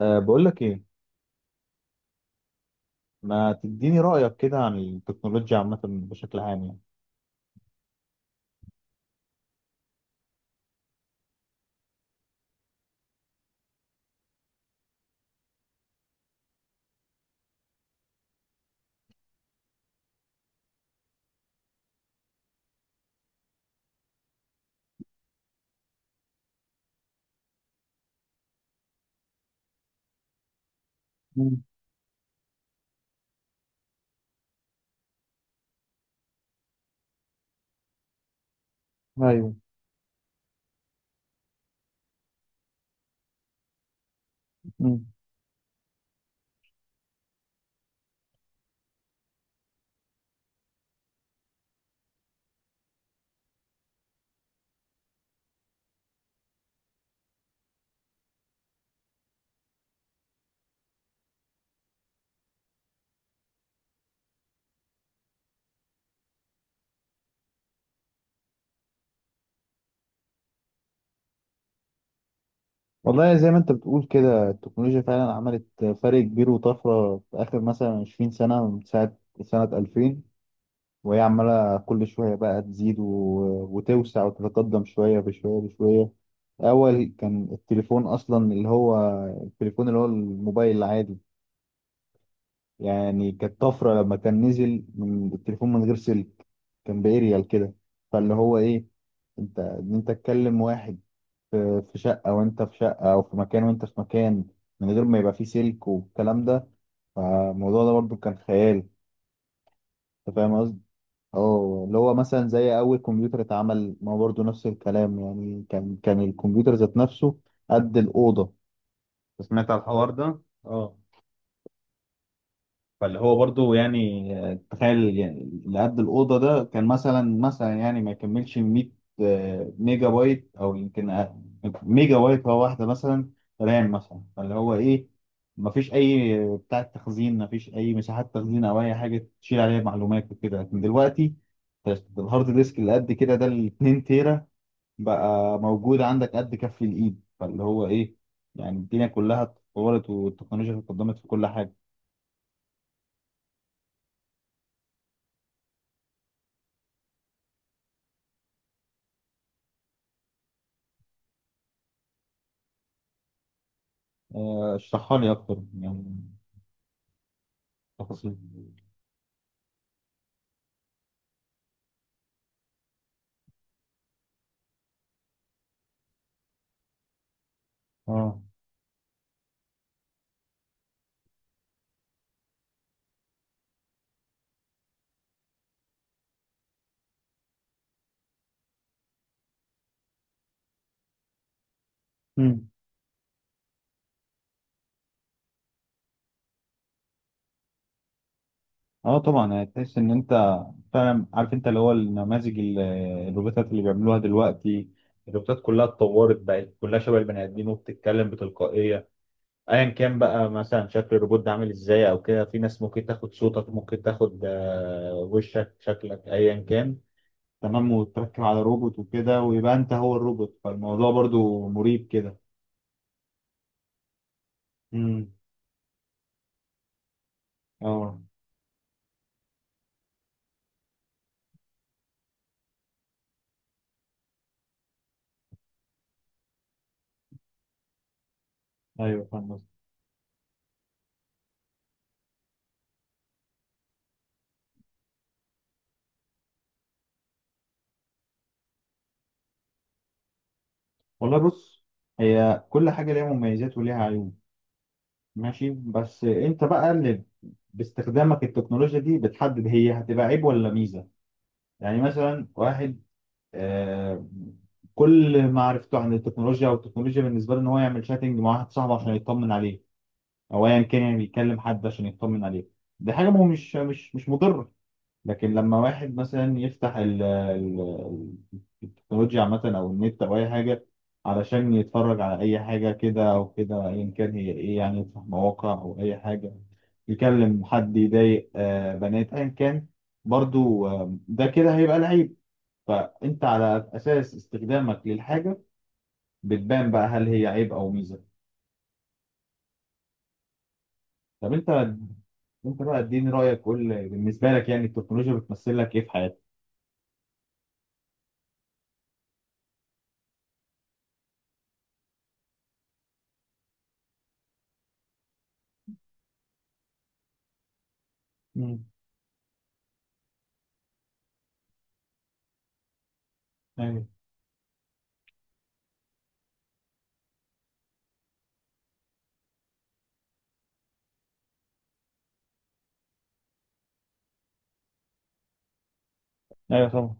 بقول لك ايه. ما تديني رأيك كده عن التكنولوجيا عامة بشكل عام مم. ايوه. مم. والله زي ما انت بتقول كده، التكنولوجيا فعلا عملت فرق كبير وطفره في اخر مثلا 20 سنه، من ساعه سنه 2000، وهي عماله كل شويه بقى تزيد وتوسع وتتقدم شويه بشويه. اول كان التليفون اصلا اللي هو التليفون اللي هو الموبايل العادي. يعني كانت طفرة لما كان نزل من التليفون من غير سلك، كان بإيريال كده. فاللي هو إيه، أنت إن أنت تكلم واحد في شقة وأنت في شقة، أو في مكان وأنت في مكان، من غير ما يبقى فيه سلك والكلام ده. فالموضوع ده برضو كان خيال. أنت فاهم قصدي؟ اه، اللي هو مثلا زي أول كمبيوتر اتعمل، ما هو برضو نفس الكلام. يعني كان الكمبيوter ذات نفسه قد الأوضة. سمعت على الحوار ده؟ اه. فاللي هو برضو يعني تخيل يعني اللي قد الأوضة ده كان مثلا يعني ما يكملش 100 ميجا بايت أو يمكن أقل. ميجا بايت هو واحدة مثلا رام مثلا. فاللي هو إيه، ما فيش أي بتاع تخزين، ما فيش أي مساحات تخزين أو أي حاجة تشيل عليها معلومات وكده. لكن دلوقتي الهارد ديسك اللي قد كده ده، ال 2 تيرا، بقى موجود عندك قد كف الإيد. فاللي هو إيه، يعني الدنيا كلها اتطورت والتكنولوجيا اتقدمت في كل حاجة. اشرحها لي اكتر يعني. تفاصيل. اه. مم. اه طبعا هتحس ان انت فعلا عارف. انت اللي هو النماذج الروبوتات اللي بيعملوها دلوقتي، الروبوتات كلها اتطورت، بقت كلها شبه البني ادمين وبتتكلم بتلقائيه. ايا كان بقى مثلا شكل الروبوت ده عامل ازاي او كده، في ناس ممكن تاخد صوتك، ممكن تاخد وشك شكلك ايا كان، تمام، وتركب على روبوت وكده، ويبقى انت هو الروبوت. فالموضوع برضو مريب كده. مم. اه ايوه فاهم. والله بص، هي كل حاجة ليها مميزات وليها عيوب. ماشي، بس انت بقى اللي باستخدامك التكنولوجيا دي بتحدد هي هتبقى عيب ولا ميزة. يعني مثلا واحد آه كل معرفته عن التكنولوجيا، او التكنولوجيا بالنسبة له ان هو يعمل شاتنج مع واحد صاحبه عشان يطمن عليه، او ايا كان يعني بيكلم حد عشان يطمن عليه، دي حاجة مش مش مضرة. لكن لما واحد مثلا يفتح التكنولوجيا عامة، أو النت، أو أي حاجة، علشان يتفرج على أي حاجة كده أو كده أيا كان، هي إيه يعني، يفتح مواقع أو أي حاجة، يكلم حد، يضايق بنات أيا كان، برضو ده كده هيبقى العيب. فأنت على أساس استخدامك للحاجة بتبان بقى هل هي عيب أو ميزة. طب أنت، أنت بقى اديني رأيك، قول بالنسبة لك يعني التكنولوجيا بتمثل لك إيه في حياتك؟ مم. ايوه. ايوه طبعا.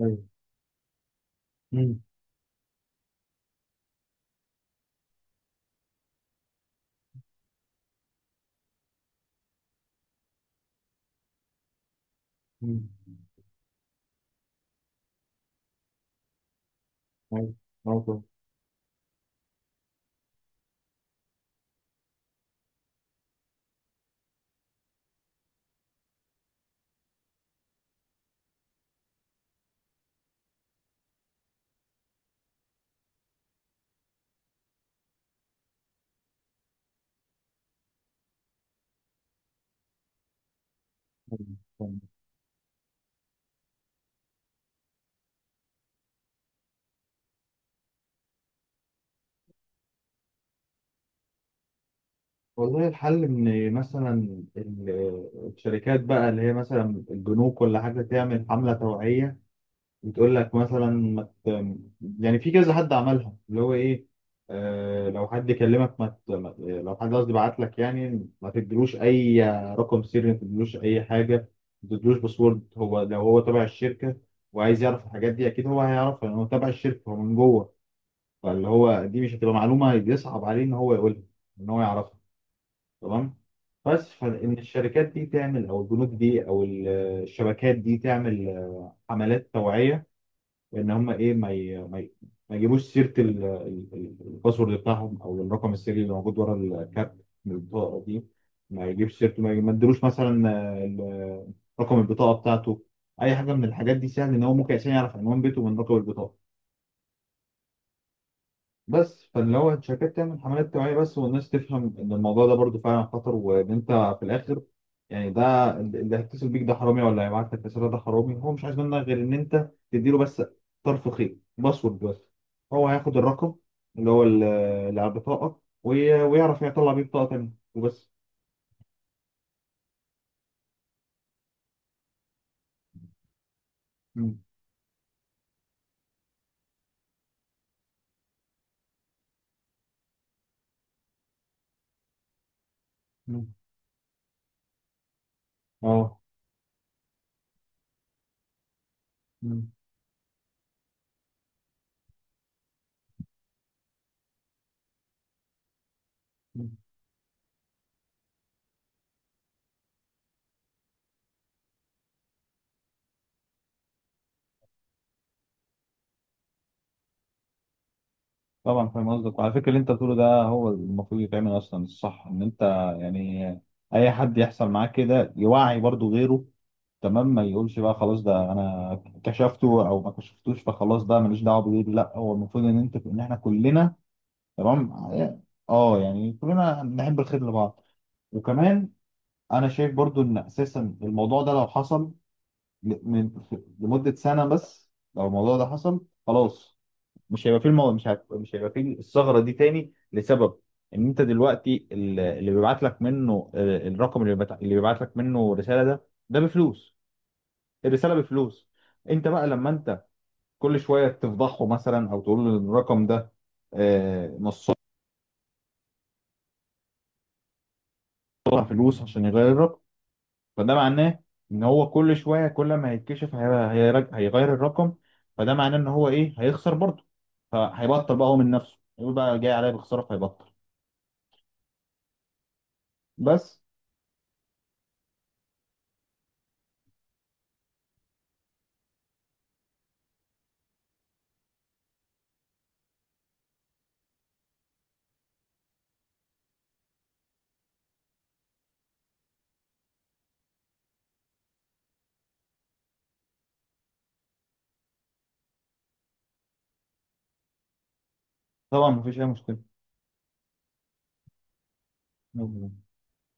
أيوة. مم. مم. أيوة. أيوة. أيوة. فاهم. والله الحل ان مثلا ال- الشركات بقى اللي هي مثلا البنوك ولا حاجه، تعمل حمله توعيه وتقول لك مثلا ما ت- يعني في كذا حد عملها، اللي هو ايه، آه لو حد كلمك ما ت- ما- لو حد قصدي بعت لك يعني ما تديلوش اي رقم سري، ما تديلوش اي حاجه، ما تديلوش باسورد. هو لو هو تبع الشركه وعايز يعرف الحاجات دي، اكيد هو هيعرفها لان هو تبع الشركه، هو من جوه. فاللي هو دي مش هتبقى معلومه بيصعب عليه ان هو يقولها، ان هو يعرفها، تمام؟ بس فان الشركات دي تعمل، او البنوك دي، او الشبكات دي، تعمل حملات توعيه. وان هم ايه، ما يجيبوش سيره الباسورد بتاعهم، او الرقم السري اللي موجود ورا الكارت من البطاقه دي. ما يجيبش سيرته، ما يديلوش مثلا رقم البطاقه بتاعته. اي حاجه من الحاجات دي سهل ان هو ممكن عشان يعرف عنوان بيته من رقم البطاقه. بس فاللي هو الشركات تعمل حملات توعية بس، والناس تفهم إن الموضوع ده برضو فعلا خطر، وإن أنت في الآخر، يعني ده اللي هيتصل بيك ده حرامي، ولا هيبعت لك رسالة ده حرامي، هو مش عايز منك غير إن أنت تديله بس طرف خيط، باسورد بس، هو هياخد الرقم اللي هو اللي على البطاقة، ويعرف يطلع بيه بطاقة تانية وبس. مم. مم. أه. مم. مم. طبعا فاهم قصدك. وعلى فكرة اللي أنت بتقوله ده هو المفروض يتعمل أصلا، الصح إن أنت يعني أي حد يحصل معاه كده يوعي برضو غيره، تمام، ما يقولش بقى خلاص ده انا كشفته او ما كشفتوش فخلاص بقى ماليش دعوه بيه. لا، هو المفروض ان انت، ان احنا كلنا، تمام، اه يعني كلنا نحب الخير لبعض. وكمان انا شايف برضو ان اساسا الموضوع ده لو حصل ل- من لمده سنه بس، لو الموضوع ده حصل خلاص، مش هيبقى فيه الثغره دي تاني، لسبب ان انت دلوقتي اللي بيبعت لك منه الرقم، اللي بيبعت لك منه رساله ده، ده بفلوس، الرساله بفلوس. انت بقى لما انت كل شويه تفضحه مثلا، او تقول له الرقم ده نصها فلوس عشان يغير الرقم. فده معناه ان هو كل شويه، كل ما هيتكشف هيغير الرقم. فده معناه ان هو ايه، هيخسر برضه، فهيبطل بقى هو من نفسه، يقول بقى جاي عليا بخساره، فهيبطل بس. طبعا مفيش اي مشكله.